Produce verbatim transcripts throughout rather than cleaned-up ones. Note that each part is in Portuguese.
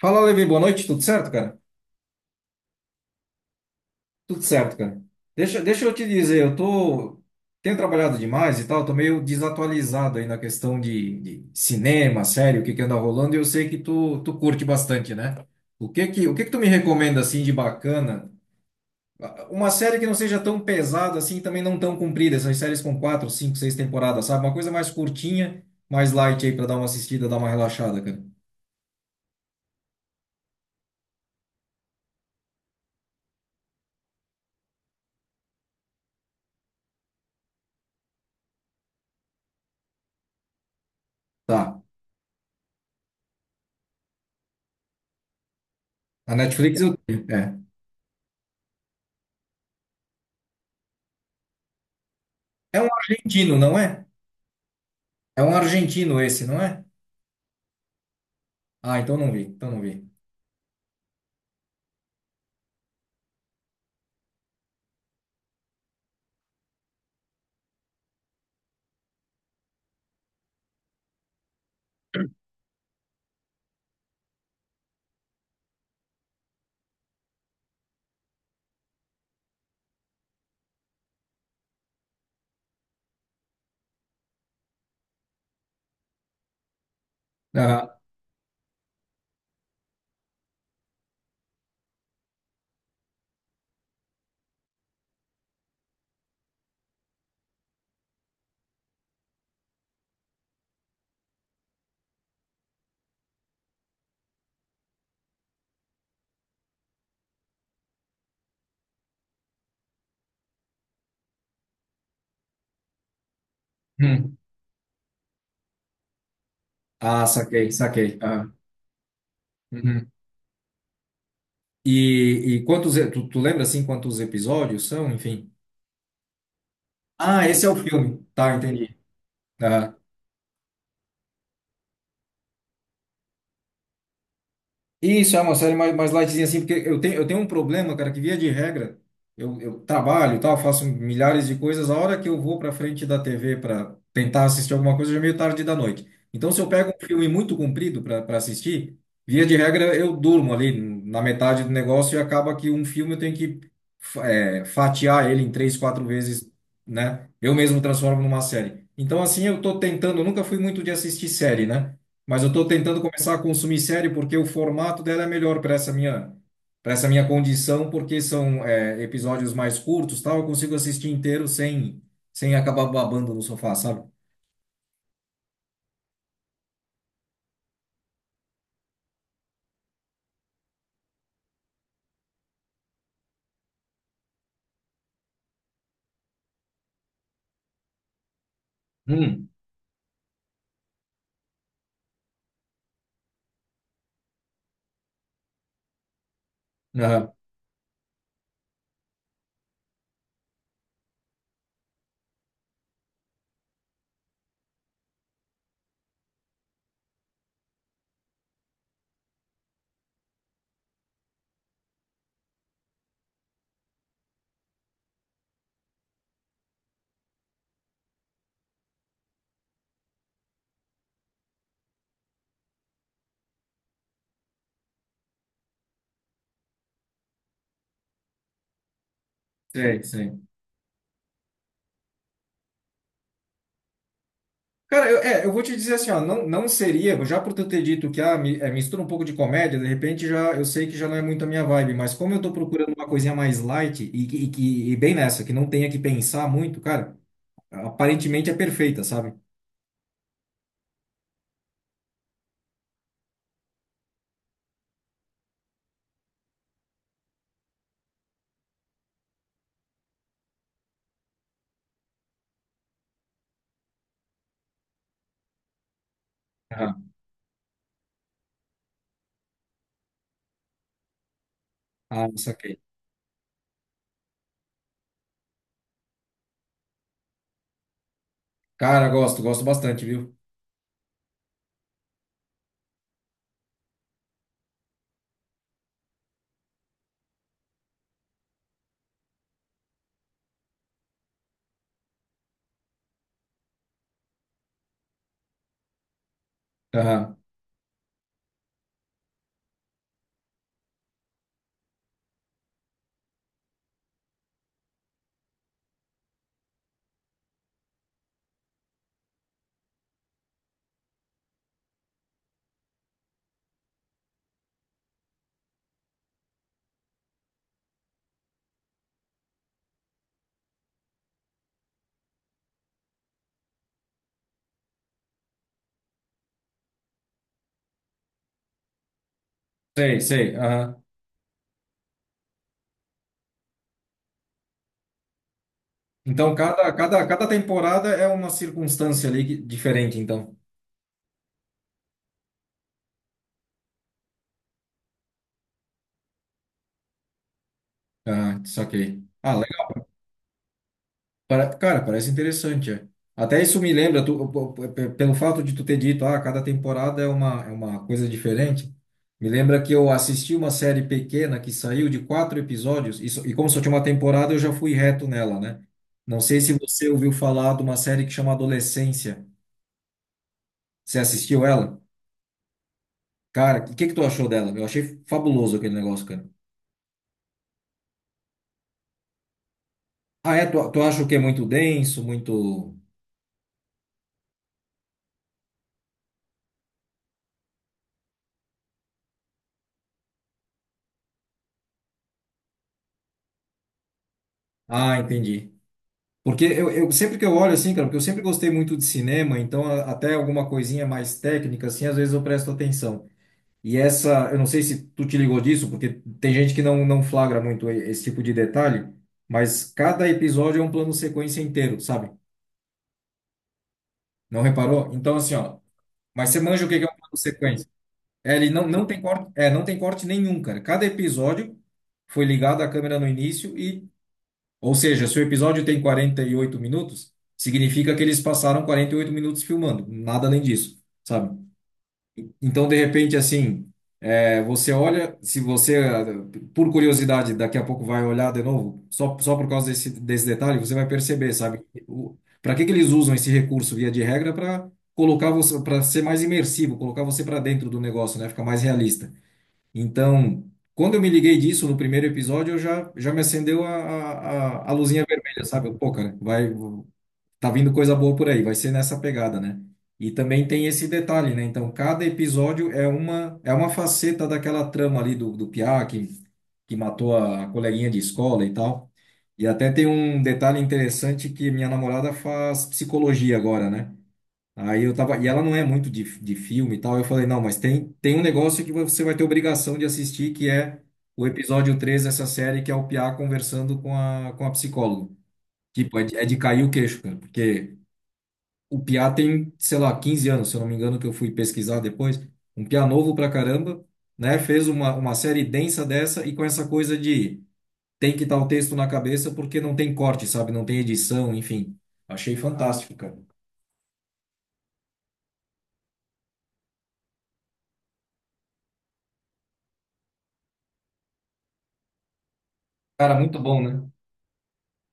Fala, Levi, boa noite, tudo certo, cara? Tudo certo, cara. Deixa, deixa eu te dizer, eu tô, tenho trabalhado demais e tal, tô meio desatualizado aí na questão de, de cinema, série, o que que anda rolando, e eu sei que tu, tu curte bastante, né? O que que, o que que tu me recomenda, assim, de bacana? Uma série que não seja tão pesada, assim, e também não tão comprida, essas séries com quatro, cinco, seis temporadas, sabe? Uma coisa mais curtinha, mais light aí pra dar uma assistida, dar uma relaxada, cara. Tá. A Netflix eu tenho, é. É um argentino, não é? É um argentino esse, não é? Ah, então não vi, então não vi. Aham. Hum. Ah, saquei, saquei. Aham. Uhum. E, e quantos, e- tu, tu lembra assim quantos episódios são, enfim? Ah, esse é o filme. Tá, entendi. Isso, é uma série mais, mais lightzinha assim, porque eu tenho, eu tenho um problema, cara, que via de regra, eu, eu trabalho e tal, faço milhares de coisas, a hora que eu vou pra frente da T V para tentar assistir alguma coisa, já é meio tarde da noite. Então, se eu pego um filme muito comprido para para assistir, via de regra eu durmo ali na metade do negócio e acaba que um filme eu tenho que fa- é, fatiar ele em três, quatro vezes, né? Eu mesmo transformo numa série. Então, assim, eu tô tentando, eu nunca fui muito de assistir série, né? Mas eu estou tentando começar a consumir série porque o formato dela é melhor para essa minha, para essa minha condição, porque são é, episódios mais curtos, tal. Eu consigo assistir inteiro sem, sem acabar babando no sofá, sabe? Hum. Aham. Sei, sei. Cara, eu, é, eu vou te dizer assim, ó, não, não seria, já por tu ter dito que ah, mi- é, mistura um pouco de comédia, de repente já eu sei que já não é muito a minha vibe, mas como eu tô procurando uma coisinha mais light e, que- e, que- e bem nessa, que não tenha que pensar muito, cara, aparentemente é perfeita, sabe? Aham. Ah, saquei. Cara, gosto, gosto bastante, viu? Aham. Sei, sei. Aham. Então, cada, cada, cada temporada é uma circunstância ali que- diferente, então. Ah, saquei. Ah, legal. Para- Cara, parece interessante. É. Até isso me lembra, tu- p- p- p- pelo fato de tu ter dito, ah, cada temporada é uma, é uma coisa diferente. Me lembra que eu assisti uma série pequena que saiu de quatro episódios, e, só- e como só tinha uma temporada, eu já fui reto nela, né? Não sei se você ouviu falar de uma série que chama Adolescência. Você assistiu ela? Cara, o que, que tu achou dela? Eu achei fabuloso aquele negócio, cara. Ah, é? Tu, tu acha o que é muito denso, muito. Ah, entendi. Porque eu, eu sempre que eu olho assim, cara, porque eu sempre gostei muito de cinema, então a- até alguma coisinha mais técnica, assim, às vezes eu presto atenção. E essa, eu não sei se tu te ligou disso, porque tem gente que não, não flagra muito e- esse tipo de detalhe, mas cada episódio é um plano sequência inteiro, sabe? Não reparou? Então, assim, ó. Mas você manja o que que é um plano sequência? É, ele não, não tem corte, é, não tem corte nenhum, cara. Cada episódio foi ligado à câmera no início e, ou seja, se o episódio tem quarenta e oito minutos, significa que eles passaram quarenta e oito minutos filmando, nada além disso, sabe? Então, de repente, assim, é, você olha, se você, ah, por curiosidade, daqui a pouco vai olhar de novo, só, só por causa desse, desse detalhe, você vai perceber, sabe? Para que que eles usam esse recurso via de regra para colocar você, para ser mais imersivo, colocar você para dentro do negócio, né? Ficar mais realista. Então, quando eu me liguei disso no primeiro episódio, eu já, já me acendeu a, a, a a luzinha vermelha, sabe? Eu, pô, cara, vai, tá vindo coisa boa por aí, vai ser nessa pegada, né? E também tem esse detalhe, né? Então, cada episódio é uma, é uma faceta daquela trama ali do, do Piá, que, que matou a coleguinha de escola e tal. E até tem um detalhe interessante que minha namorada faz psicologia agora, né? Aí eu tava, e ela não é muito de, de filme e tal. Eu falei, não, mas tem, tem um negócio que você vai ter obrigação de assistir, que é o episódio três dessa série, que é o Piá conversando com a, com a psicóloga. Tipo, é de, é de cair o queixo, cara, porque o Piá tem, sei lá, quinze anos, se eu não me engano, que eu fui pesquisar depois. Um Piá novo pra caramba, né? Fez uma, uma série densa dessa e com essa coisa de tem que estar o texto na cabeça porque não tem corte, sabe? Não tem edição, enfim. Achei fantástico, cara. Cara, muito bom, né?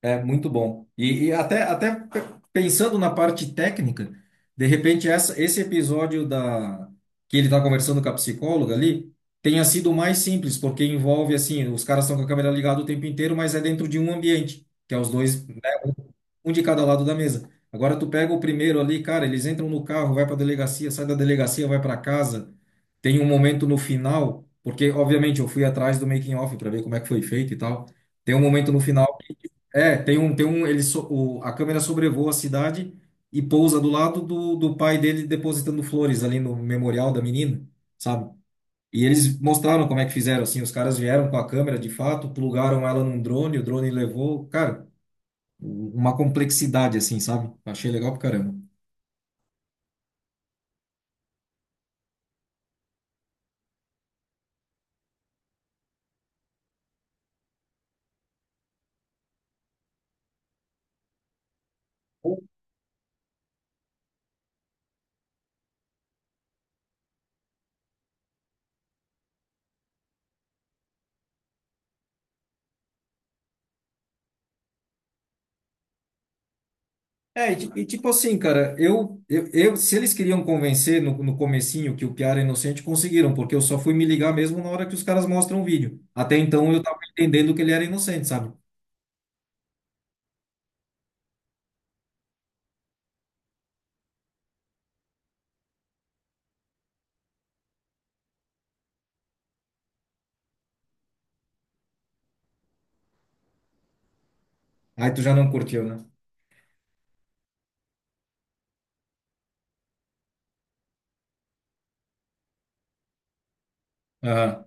É muito bom. E, e até, até pe- pensando na parte técnica, de repente essa, esse episódio da que ele está conversando com a psicóloga ali tenha sido mais simples, porque envolve assim, os caras estão com a câmera ligada o tempo inteiro, mas é dentro de um ambiente, que é os dois, um de cada lado da mesa. Agora tu pega o primeiro ali, cara, eles entram no carro, vai para a delegacia, sai da delegacia, vai para casa. Tem um momento no final, porque obviamente eu fui atrás do making of para ver como é que foi feito e tal. Tem um momento no final é, tem um, tem um, ele so- o- a câmera sobrevoa a cidade e pousa do lado do, do pai dele depositando flores ali no memorial da menina, sabe? E eles mostraram como é que fizeram, assim, os caras vieram com a câmera, de fato, plugaram ela num drone, o drone levou, cara, uma complexidade, assim, sabe? Achei legal pra caramba. É, e, ti- e tipo assim, cara, eu, eu, eu- se eles queriam convencer no, no comecinho que o Piara é inocente, conseguiram, porque eu só fui me ligar mesmo na hora que os caras mostram o vídeo. Até então eu tava entendendo que ele era inocente, sabe? Aí tu já não curtiu, né? Aham.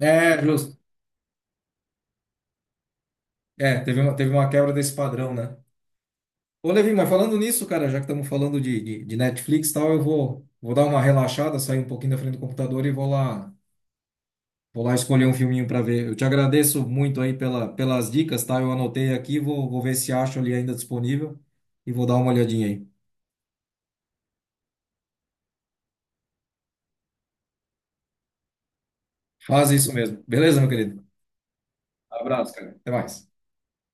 É, justo. É, teve uma, teve uma quebra desse padrão, né? Ô, Levi, mas falando nisso, cara, já que estamos falando de, de, de Netflix e tal, eu vou, vou dar uma relaxada, sair um pouquinho da frente do computador e vou lá, vou lá escolher um filminho para ver. Eu te agradeço muito aí pela, pelas dicas, tá? Eu anotei aqui, vou, vou ver se acho ali ainda disponível e vou dar uma olhadinha aí. Faz isso mesmo. Beleza, meu querido? Abraço, cara. Até mais.